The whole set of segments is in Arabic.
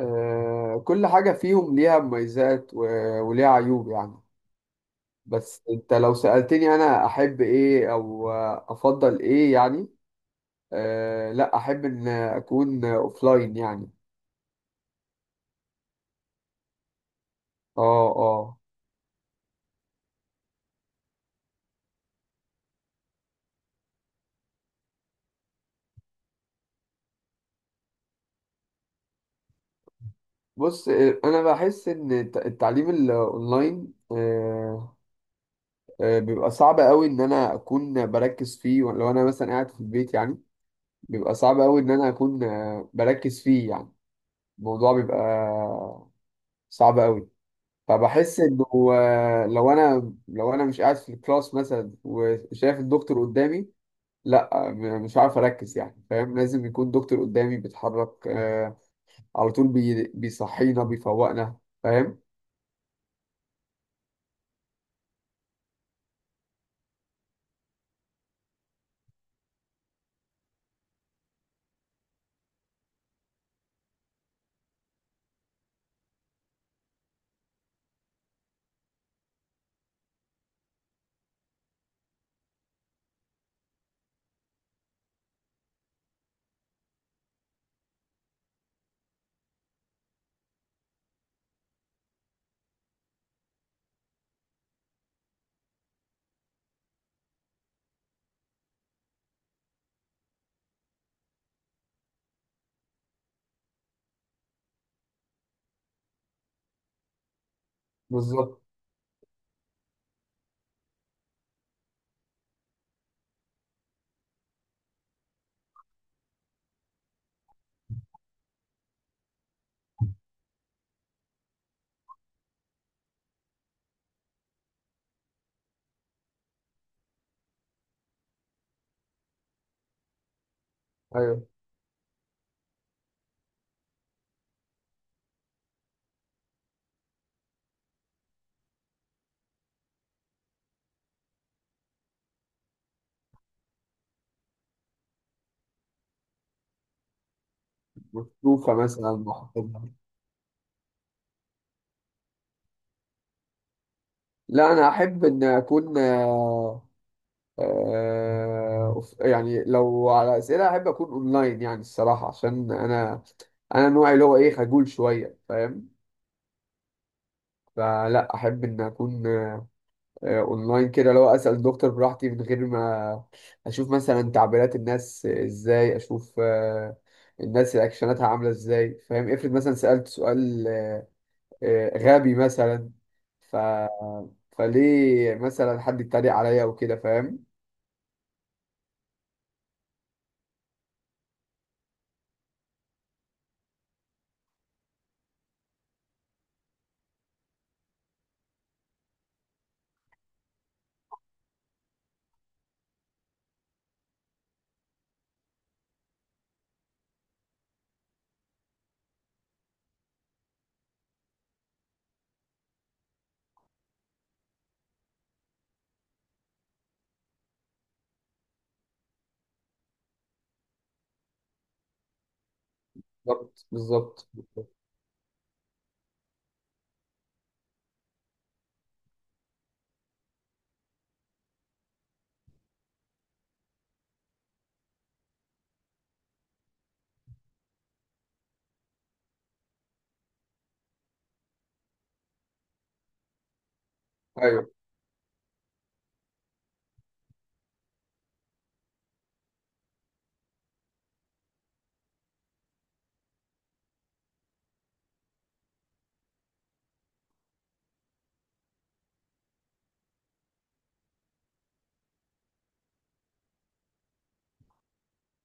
كل حاجة فيهم ليها مميزات وليها عيوب يعني. بس انت لو سألتني، انا احب ايه او افضل ايه يعني. لا، احب ان اكون اوفلاين يعني. اه اه. بص، انا بحس ان التعليم الاونلاين بيبقى صعب قوي ان انا اكون بركز فيه لو انا مثلا قاعد في البيت يعني. بيبقى صعب قوي ان انا اكون بركز فيه يعني. الموضوع بيبقى صعب قوي، فبحس انه لو انا مش قاعد في الكلاس مثلا وشايف الدكتور قدامي، لا، مش عارف اركز يعني، فاهم. لازم يكون دكتور قدامي بيتحرك على طول، بيصحينا بيفوقنا، فاهم. بالظبط. ايوه. مكتوفة مثلا، محفظة. لا، انا احب ان اكون يعني لو على اسئله احب اكون اونلاين يعني الصراحه، عشان انا نوعي اللي هو ايه، خجول شويه، فاهم. فلا احب ان اكون اونلاين كده، لو اسال دكتور براحتي من غير ما اشوف مثلا تعبيرات الناس ازاي، اشوف الناس رياكشناتها عامله ازاي، فاهم. افرض مثلا سالت سؤال غبي مثلا، ف فليه مثلا حد يتريق عليا وكده، فاهم. بالظبط، بالظبط. ايوه،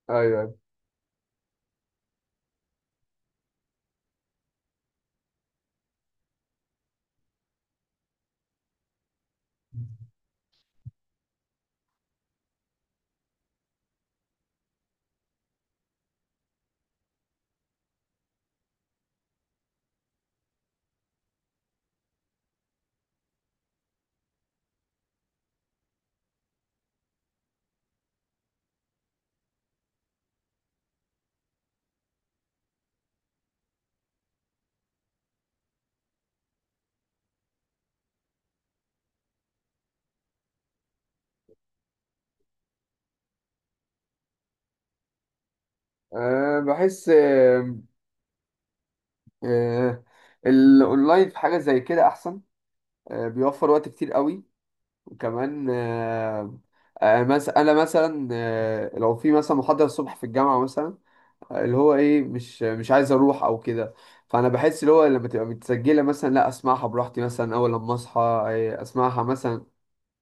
ايوه. بحس أه الاونلاين في حاجه زي كده احسن. أه، بيوفر وقت كتير قوي. وكمان انا مثلا، لو في مثلا محاضرة الصبح في الجامعة مثلا، اللي هو ايه، مش عايز اروح او كده، فانا بحس اللي هو لما تبقى متسجلة مثلا، لا، اسمعها براحتي مثلا، اول لما اصحى اسمعها مثلا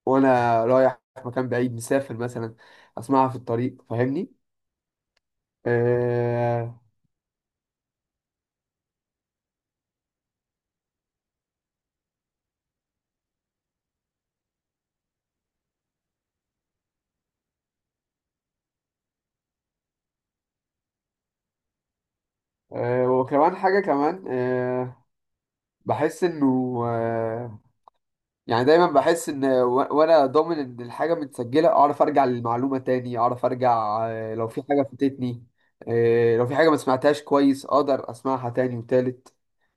وانا رايح مكان بعيد مسافر مثلا، اسمعها في الطريق، فاهمني. آه، وكمان حاجة كمان، بحس انه آه، يعني دايما بحس ان وانا ضامن ان الحاجه متسجله، اعرف ارجع للمعلومه تاني، اعرف ارجع لو في حاجه فاتتني، لو في حاجه ما سمعتهاش كويس اقدر اسمعها تاني وتالت.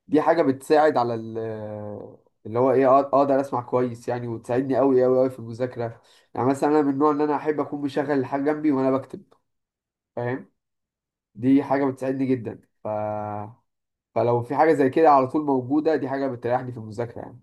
دي حاجه بتساعد على اللي هو ايه، اقدر اسمع كويس يعني، وتساعدني قوي قوي قوي في المذاكره. يعني مثلا انا من النوع ان انا احب اكون مشغل الحاجه جنبي وانا بكتب، فاهم. دي حاجه بتساعدني جدا، فلو في حاجه زي كده على طول موجوده، دي حاجه بتريحني في المذاكره يعني.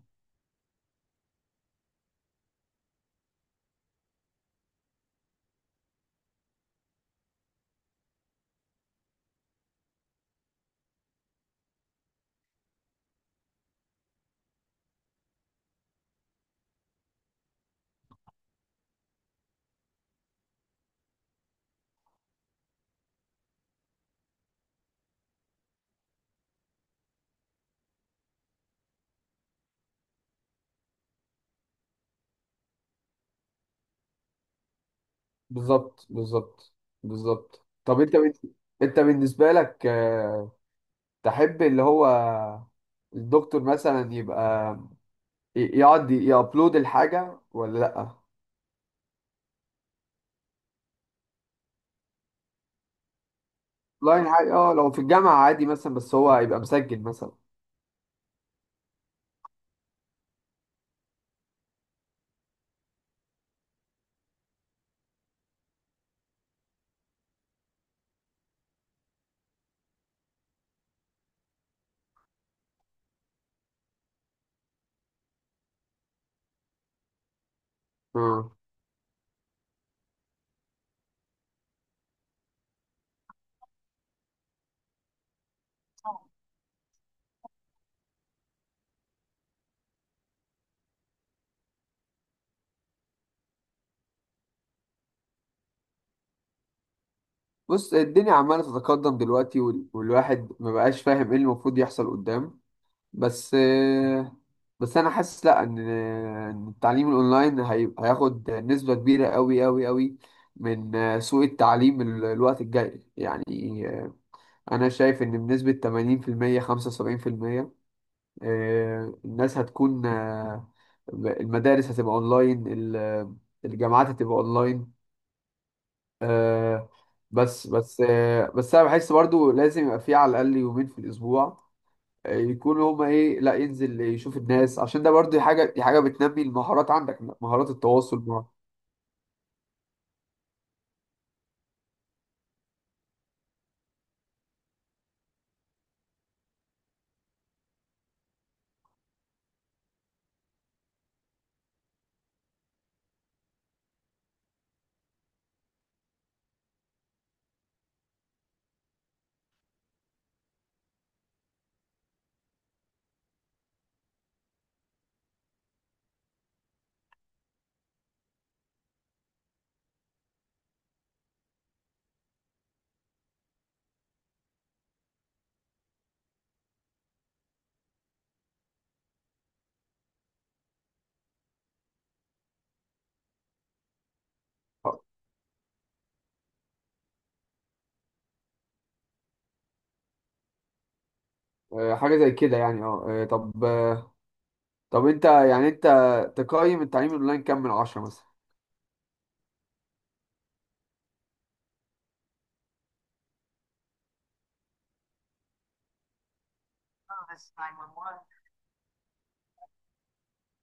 بالظبط، بالظبط، بالظبط. طب انت انت بالنسبه لك تحب اللي هو الدكتور مثلا يبقى يقعد يابلود الحاجه ولا لا؟ لاين حاجه، اه. لو في الجامعه عادي مثلا، بس هو يبقى مسجل مثلا. اه، بص، الدنيا عماله تتقدم دلوقتي، والواحد ما بقاش فاهم ايه المفروض يحصل قدام. بس، بس انا حاسس لا، ان إن التعليم الاونلاين هياخد نسبة كبيرة قوي قوي قوي من سوق التعليم، الوقت الجاي يعني. انا شايف ان بنسبة 80% 75% الناس هتكون، المدارس هتبقى اونلاين، الجامعات هتبقى اونلاين، آه، بس بس انا بحس برضو لازم يبقى في على الاقل يومين في الاسبوع يكونوا هما ايه، لا، ينزل يشوف الناس، عشان ده برضه حاجه، دي حاجه بتنمي المهارات عندك، مهارات التواصل حاجه زي كده يعني. اه طب، انت يعني انت تقيم التعليم الاونلاين كام من 10 مثلا؟